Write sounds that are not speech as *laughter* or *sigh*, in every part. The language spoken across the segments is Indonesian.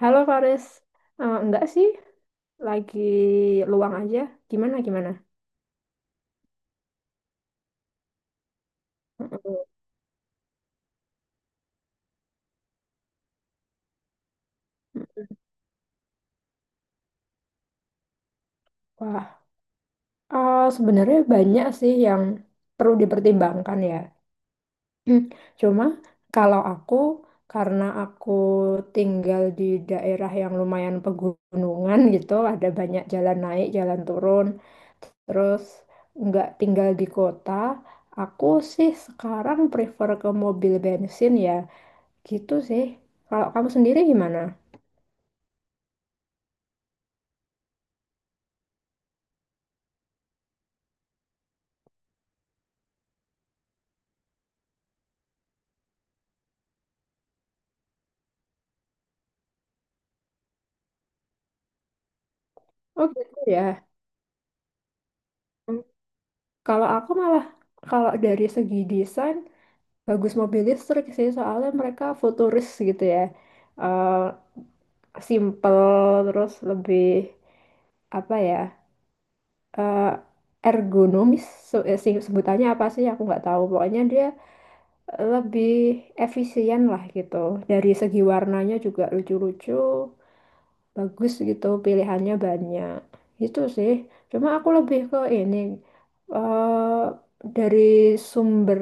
Halo Faris, enggak sih, lagi luang aja. Gimana gimana? Mm-mm. Wah, sebenarnya banyak sih yang perlu dipertimbangkan ya. Hmm, Cuma kalau aku, karena aku tinggal di daerah yang lumayan pegunungan gitu, ada banyak jalan naik, jalan turun, terus nggak tinggal di kota. Aku sih sekarang prefer ke mobil bensin ya, gitu sih. Kalau kamu sendiri gimana? Oh gitu ya. Hmm. Kalau aku malah kalau dari segi desain bagus mobil listrik sih soalnya mereka futuris gitu ya. Eh Simple terus lebih apa ya? eh, Ergonomis sebutannya apa sih aku nggak tahu. Pokoknya dia lebih efisien lah gitu. Dari segi warnanya juga lucu-lucu, bagus gitu, pilihannya banyak. Itu sih, cuma aku lebih ke ini, eh dari sumber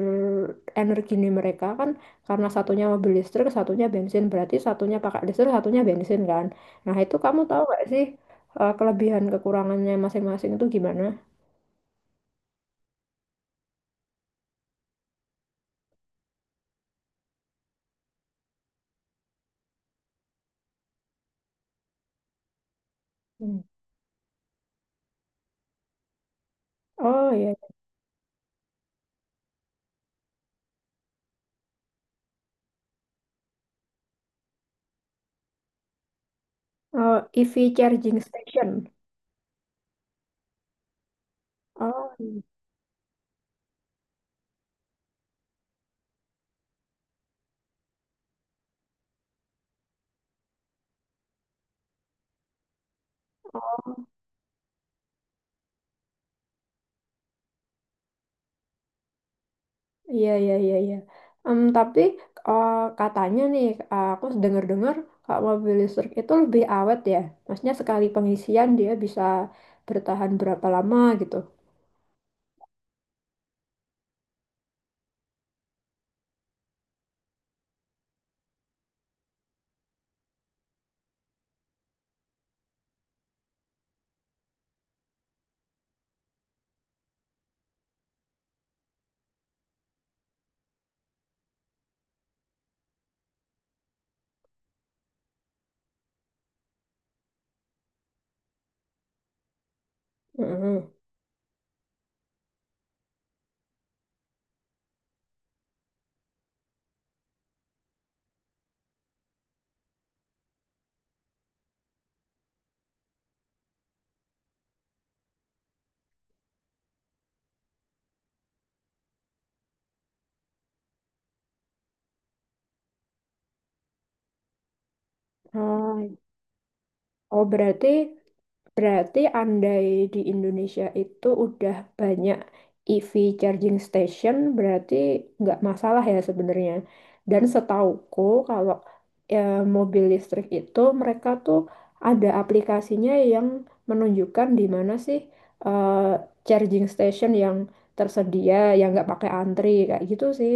energi. Ini mereka kan, karena satunya mobil listrik satunya bensin berarti satunya pakai listrik satunya bensin kan. Nah itu kamu tahu gak sih kelebihan kekurangannya masing-masing itu gimana? Hmm. Oh iya. Oh, EV charging station. Oh, iya. Oh. Iya, iya, iya, iya. Tapi eh, katanya nih, aku dengar-dengar kalau mobil listrik itu lebih awet ya. Maksudnya sekali pengisian dia bisa bertahan berapa lama gitu. Mm-mm. Oh, oh, berarti, berarti andai di Indonesia itu udah banyak EV charging station, berarti nggak masalah ya sebenarnya. Dan setauku kalau ya, mobil listrik itu mereka tuh ada aplikasinya yang menunjukkan di mana sih eh, charging station yang tersedia, yang nggak pakai antri kayak gitu sih.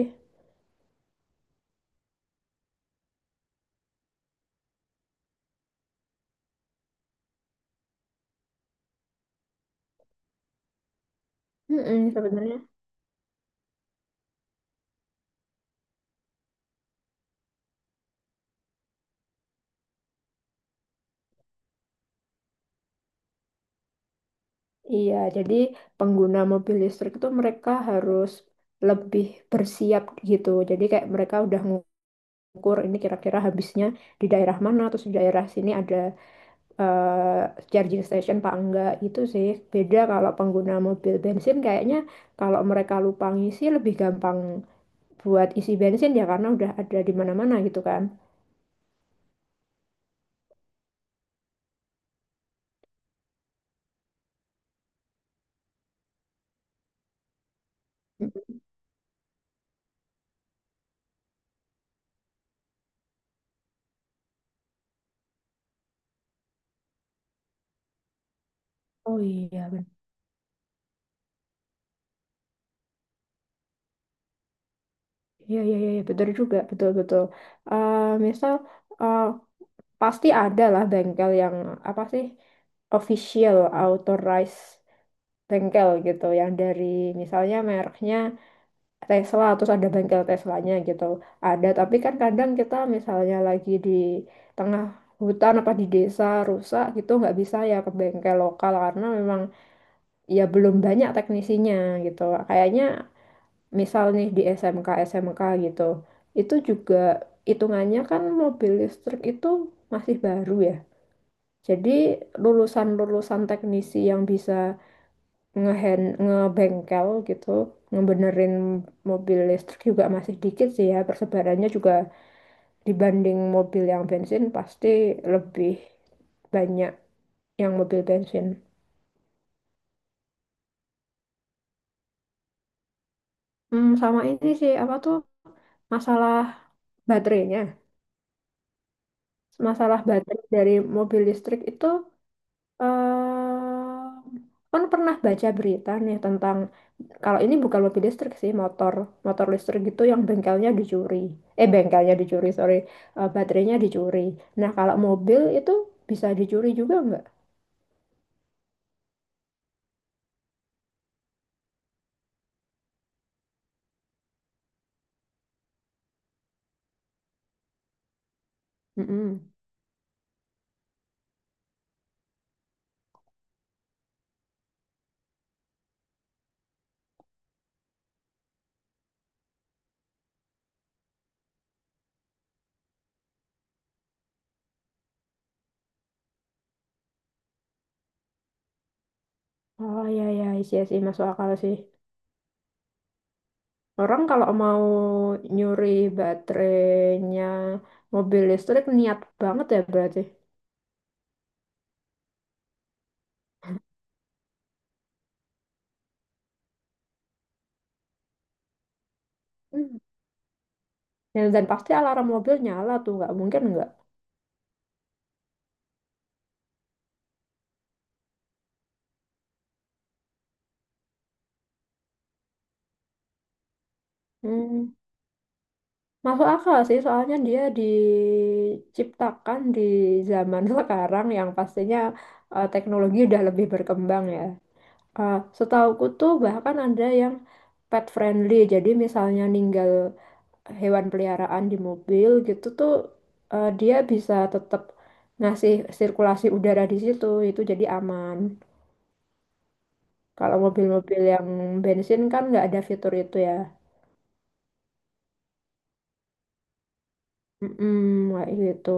Mm-mm, sebenarnya. Iya, jadi pengguna mobil listrik itu mereka harus lebih bersiap gitu. Jadi kayak mereka udah ngukur ini kira-kira habisnya di daerah mana, terus di daerah sini ada charging station apa enggak gitu sih. Beda kalau pengguna mobil bensin kayaknya kalau mereka lupa ngisi lebih gampang buat isi bensin ya karena udah ada di mana-mana gitu kan. Mm. Oh iya, benar. Iya, iya, iya, betul juga, betul-betul. Misal eh, pasti ada lah bengkel yang apa sih, official authorized bengkel gitu yang dari misalnya mereknya Tesla terus ada bengkel Teslanya gitu ada, tapi kan kadang kita misalnya lagi di tengah hutan apa di desa rusak gitu nggak bisa ya ke bengkel lokal karena memang ya belum banyak teknisinya gitu kayaknya. Misal nih di SMK SMK gitu, itu juga hitungannya kan mobil listrik itu masih baru ya, jadi lulusan-lulusan teknisi yang bisa ngebengkel gitu, ngebenerin mobil listrik juga masih dikit sih ya. Persebarannya juga dibanding mobil yang bensin pasti lebih banyak yang mobil bensin. Hmm, sama ini sih apa tuh, masalah baterainya. Masalah baterai dari mobil listrik itu, Em, kan pernah baca berita nih tentang kalau ini bukan mobil listrik sih, motor motor listrik gitu yang bengkelnya dicuri, eh bengkelnya dicuri sorry, baterainya dicuri. Nah kalau mobil itu bisa dicuri juga nggak? Mm-mm. Oh ya ya sih sih, masuk akal sih. Orang kalau mau nyuri baterainya mobil listrik niat banget ya berarti. Hmm. Dan pasti alarm mobil nyala tuh nggak mungkin nggak. Hmm. Masuk akal sih, soalnya dia diciptakan di zaman *laughs* sekarang yang pastinya teknologi udah lebih berkembang ya. Setauku tuh bahkan ada yang pet friendly, jadi misalnya ninggal hewan peliharaan di mobil gitu tuh dia bisa tetap ngasih sirkulasi udara di situ, itu jadi aman. Kalau mobil-mobil yang bensin kan nggak ada fitur itu ya. Mm-mm, kayak gitu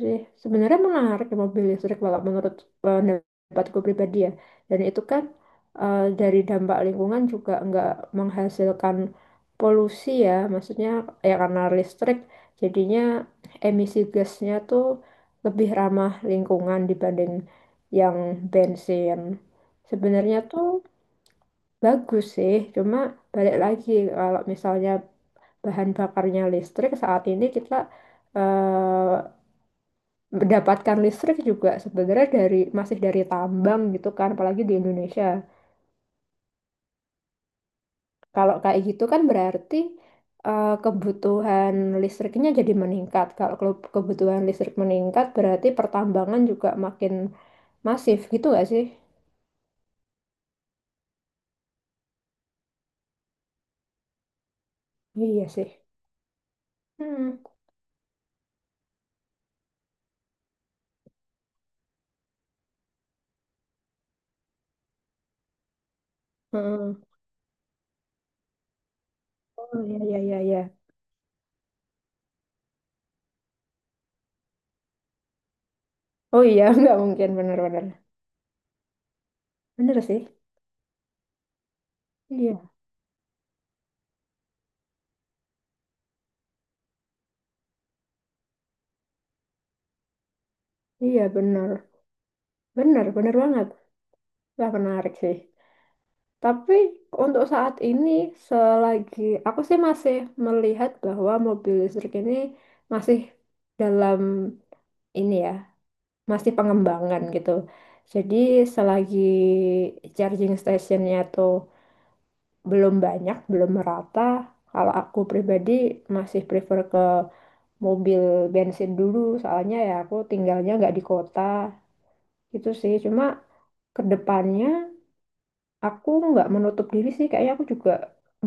sih. Sebenarnya menarik ya mobil listrik kalau menurut pendapatku pribadi ya. Dan itu kan dari dampak lingkungan juga nggak menghasilkan polusi ya. Maksudnya ya karena listrik jadinya emisi gasnya tuh lebih ramah lingkungan dibanding yang bensin. Sebenarnya tuh bagus sih. Cuma balik lagi kalau misalnya bahan bakarnya listrik, saat ini kita eh, mendapatkan listrik juga sebenarnya dari, masih dari tambang gitu kan, apalagi di Indonesia. Kalau kayak gitu kan berarti kebutuhan listriknya jadi meningkat. Kalau kebutuhan listrik meningkat berarti pertambangan juga makin masif gitu gak sih. Iya sih. Hmm. Heeh. Oh iya iya iya iya. Oh iya *laughs* nggak mungkin, bener-bener. Bener bener bener sih. Iya. Iya bener bener bener banget. Wah menarik sih. Tapi untuk saat ini, selagi, aku sih masih melihat bahwa mobil listrik ini masih dalam ini ya, masih pengembangan gitu. Jadi selagi charging stationnya tuh belum banyak, belum merata, kalau aku pribadi masih prefer ke mobil bensin dulu. Soalnya ya aku tinggalnya nggak di kota gitu sih. Cuma kedepannya aku nggak menutup diri sih, kayaknya aku juga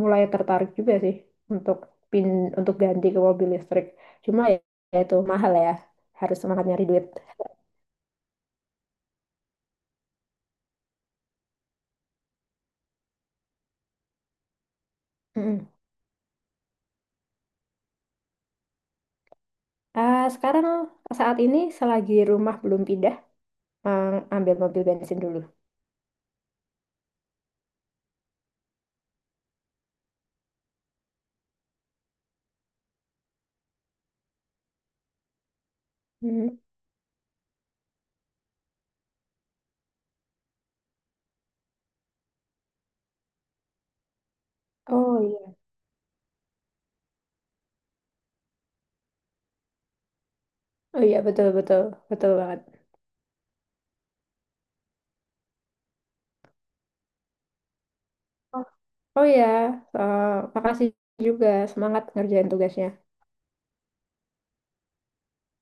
mulai tertarik juga sih untuk pin untuk ganti ke mobil listrik. Cuma ya, ya itu mahal ya, harus semangat nyari duit. Mm-mm. Ah, sekarang saat ini selagi rumah belum pindah, ah, ambil mobil bensin dulu. Mm. Oh iya, oh iya betul betul betul banget. Oh, oh iya, ah, makasih juga, semangat ngerjain tugasnya.